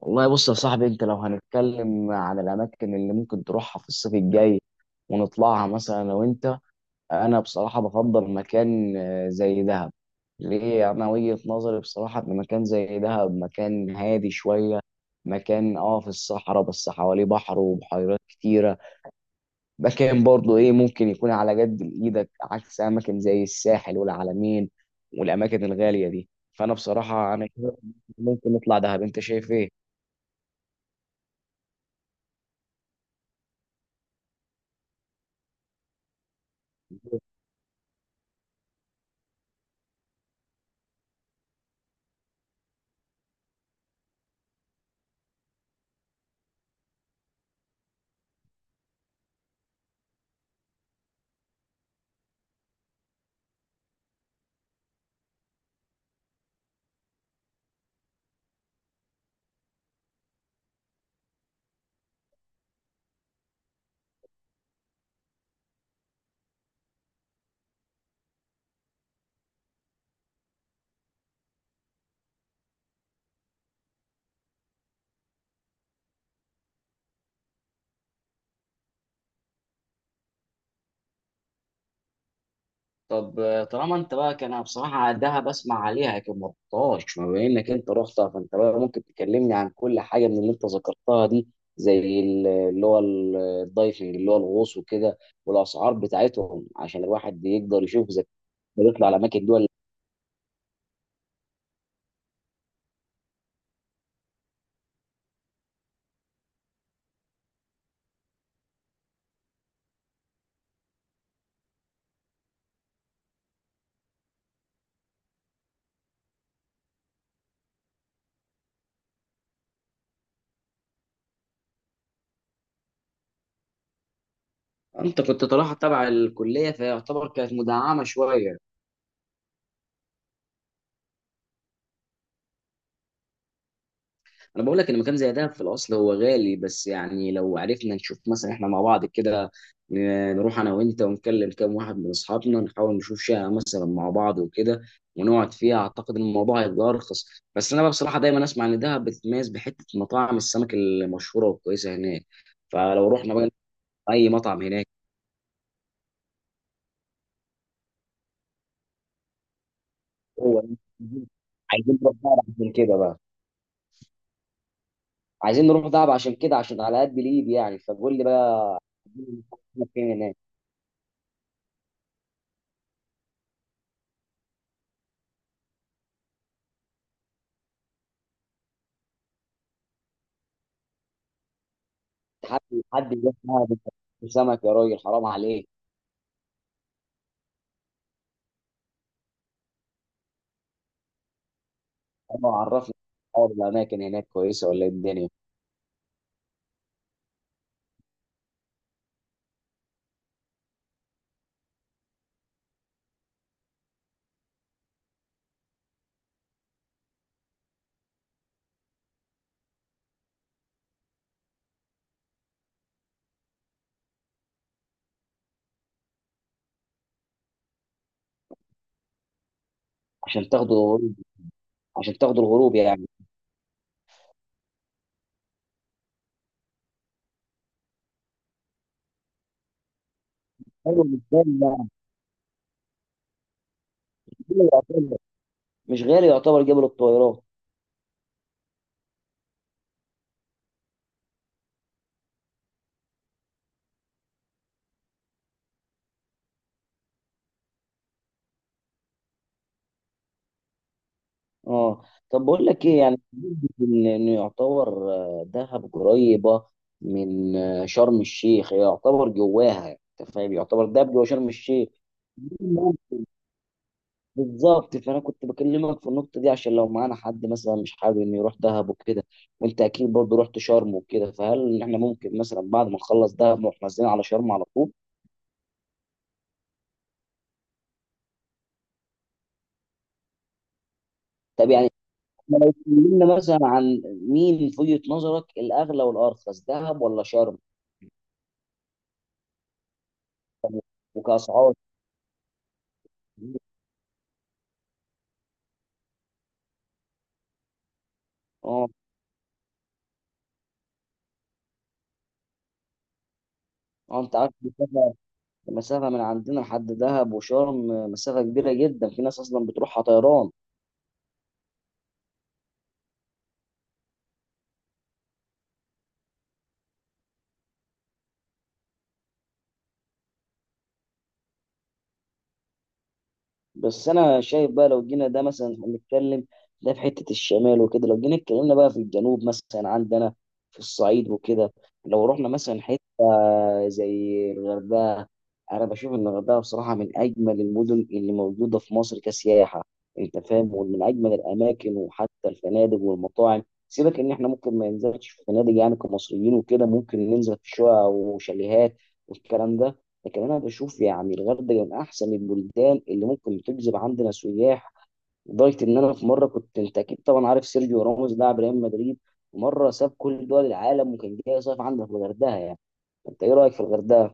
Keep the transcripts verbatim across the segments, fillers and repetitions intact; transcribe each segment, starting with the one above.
والله بص يا صاحبي، انت لو هنتكلم عن الاماكن اللي ممكن تروحها في الصيف الجاي ونطلعها مثلا. لو انت انا بصراحه بفضل مكان آه، زي دهب. ليه؟ انا وجهه نظري بصراحه ان مكان زي دهب مكان هادي شويه، مكان اه في الصحراء بس حواليه بحر وبحيرات كتيره، مكان برضه ايه ممكن يكون على قد ايدك، عكس اماكن زي الساحل والعلمين والاماكن الغاليه دي. فانا بصراحه انا شايف ممكن نطلع دهب. انت شايف ايه؟ طب، آه، طالما انت بقى كان. أنا بصراحه ده بسمع عليها لكن ما رحتهاش، ما بما انك انت رحتها فانت بقى ممكن تكلمني عن كل حاجه من اللي انت ذكرتها دي، زي ال- اللي هو ال- الدايفنج اللي هو الغوص وكده، والاسعار بتاعتهم عشان الواحد يقدر يشوف اذا كان يطلع على اماكن دول. انت كنت طالعها تبع الكليه فيعتبر كانت مدعمه شويه. انا بقول لك ان مكان زي دهب في الاصل هو غالي، بس يعني لو عرفنا نشوف مثلا احنا مع بعض كده ن- نروح انا وانت ونكلم كام واحد من اصحابنا، نحاول نشوف شقه مثلا مع بعض وكده ونقعد فيها، اعتقد ان الموضوع هيبقى ارخص. بس انا بقى بصراحه دايما اسمع ان دهب بتتميز بحته مطاعم السمك المشهوره والكويسه هناك. فلو رحنا بقى اي مطعم هناك. هو عايزين نروح دهب عشان كده بقى، عايزين نروح دهب عشان كده عشان على قد الايد يعني. فقول لي بقى. فين هناك؟ حد حد يروح معاها بس- سمك يا راجل، حرام عليك. انا عرفني، اقعد الاماكن هناك كويسه ولا إيه الدنيا؟ عشان تاخدوا الغروب، عشان تاخدوا الغروب يعني. ايوه، مش غالي، لا. غالي يعتبر. مش غالي يعتبر جبل الطويلات. اه. طب بقول لك ايه يعني، ان إن يعتبر آه، دهب قريبه من آه، شرم الشيخ، هي يعتبر جواها يعني، انت فاهم، يعتبر دهب جوا شرم الشيخ. بالظبط. فانا كنت بكلمك في النقطه دي عشان لو معانا حد مثلا مش حابب انه يروح دهب وكده، وانت اكيد برضه رحت شرم وكده، فهل احنا ممكن مثلا بعد ما نخلص دهب نروح نازلين على شرم على طول؟ طب يعني احنا لو اتكلمنا مثلا عن مين في وجهه نظرك الاغلى والارخص، دهب ولا شرم، وكاسعار؟ اه، اه، انت عارف المسافه المسافة من عندنا لحد دهب وشرم مسافه كبيره جدا، في ناس اصلا بتروحها طيران. بس انا شايف بقى لو جينا ده مثلا هنتكلم، ده في حته الشمال وكده، لو جينا اتكلمنا بقى في الجنوب مثلا عندنا في الصعيد وكده، لو رحنا مثلا حته زي الغردقه. انا بشوف ان الغردقه بصراحه من اجمل المدن اللي موجوده في مصر كسياحه، انت فاهم، ومن اجمل الاماكن، وحتى الفنادق والمطاعم. سيبك ان احنا ممكن ما ننزلش في فنادق يعني، كمصريين وكده ممكن ننزل في شقق وشاليهات والكلام ده. لكن انا بشوف يعني الغردقه من احسن البلدان اللي ممكن تجذب عندنا سياح، لدرجه ان انا في مره كنت، انت اكيد طبعا عارف سيرجيو راموس لاعب ريال مدريد، مره ساب كل دول العالم وكان جاي يصيف عندنا في الغردقه يعني. انت ايه رايك في الغردقه؟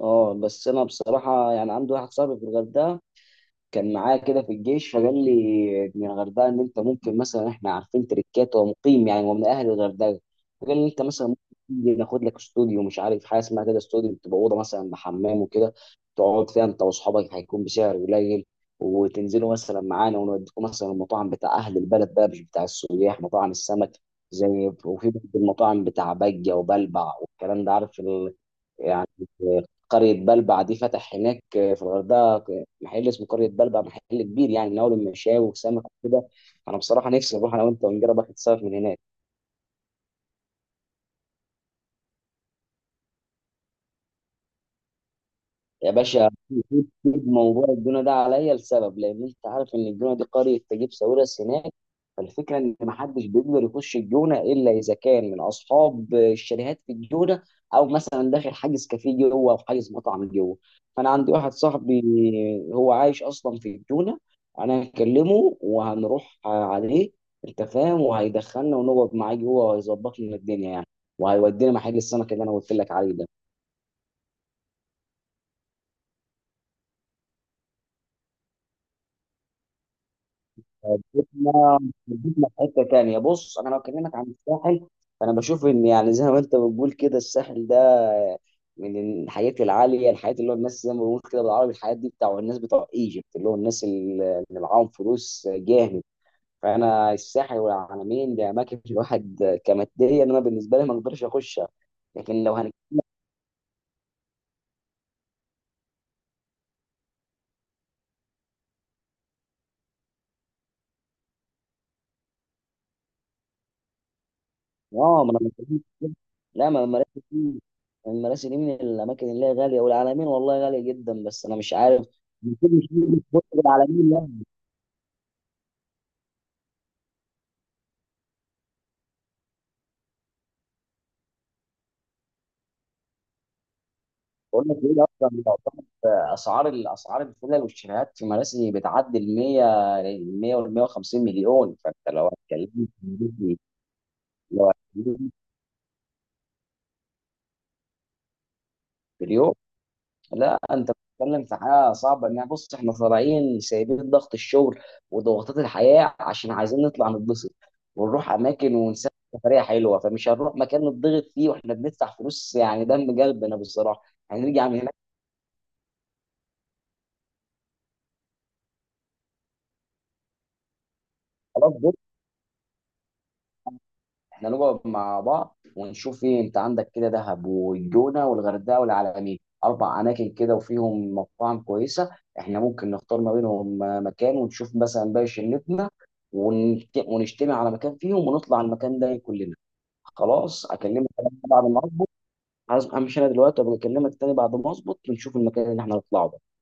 اه، بس انا بصراحه يعني عندي واحد صاحبي في الغردقه، كان معايا كده في الجيش، فقال لي من الغردقه ان انت ممكن مثلا، احنا عارفين تريكات ومقيم يعني، ومن اهل الغردقه، فقال لي انت مثلا ممكن تيجي ناخد لك استوديو، مش عارف حاجه اسمها كده استوديو، بتبقى اوضه مثلا بحمام وكده، تقعد فيها انت واصحابك، هيكون بسعر قليل، وتنزلوا مثلا معانا ونوديكم مثلا المطاعم بتاع اهل البلد بقى مش بتاع السياح، مطاعم السمك. زي وفي برضه المطاعم بتاع بجه وبلبع والكلام ده، عارف ال... يعني، قرية بلبع دي فتح هناك في الغردقة محل اسمه قرية بلبع، محل كبير يعني، من أول المشاوي وسمك وكده. أنا بصراحة نفسي أروح أنا وأنت ونجرب آخد سمك من هناك. يا باشا، سيب موضوع الجونه ده عليا، لسبب، لان انت عارف ان الجونه دي قريه تجيب ساويرس هناك، فالفكره ان محدش بيقدر يخش الجونه الا اذا كان من اصحاب الشاليهات في الجونه، او مثلا داخل حاجز كافيه جوه او حاجز مطعم جوه. فانا عندي واحد صاحبي هو عايش اصلا في الجونه، انا هكلمه وهنروح عليه، انت فاهم، وهيدخلنا ونقعد معاه جوه وهيظبط لنا الدنيا يعني، وهيودينا محل السمك اللي انا قلت لك عليه ده. جبنا جبنا في حته تانيه. بص، انا لو اكلمك عن الساحل، فانا بشوف ان يعني زي ما انت بتقول كده، الساحل ده من الحياه العاليه، الحياه اللي هو الناس زي ما بنقول كده بالعربي، الحياه دي بتاع الناس بتوع ايجيبت، اللي هو الناس اللي اللي معاهم فلوس جامد. فانا الساحل والعلمين دي اماكن الواحد كماديا، انا بالنسبه لي ما اقدرش اخشها. لكن لو اه ما انا بكلمك كده. لا، ما المراسي دي المراسي دي من الاماكن اللي هي غاليه، والعلمين والله غاليه جدا، بس انا مش عارف، المفروض مش نيجي في وسط العلمين يعني. بقول لك ايه، اصلا يعتبر اسعار الاسعار الفلل والشاليهات في مراسي بتعدي ال مية، ال مية وال مية وخمسين مليون. فانت لو هتكلمني في- لو هتكلمني في مليون. لا، انت بتتكلم في حاجه صعبه، انها بص، احنا طالعين سايبين ضغط الشغل وضغوطات الحياه عشان عايزين نطلع نتبسط، ونروح اماكن ونسافر سفريه حلوه، فمش هنروح مكان نتضغط فيه واحنا بندفع فلوس يعني دم قلبنا بصراحه. هنرجع من هناك. خلاص، احنا نقعد مع بعض ونشوف ايه، انت عندك كده دهب والجونه والغردقه والعلمين، اربع اماكن كده وفيهم مطاعم كويسه. احنا ممكن نختار ما بينهم آه، مكان، ونشوف مثلا باقي شلتنا، ونت- ونجتمع على مكان فيهم ونطلع المكان ده كلنا. خلاص اكلمك بعد ما اظبط. عايز- امشي انا دلوقتي، وابقى اكلمك تاني بعد ما اظبط ونشوف المكان اللي احنا هنطلعه ده.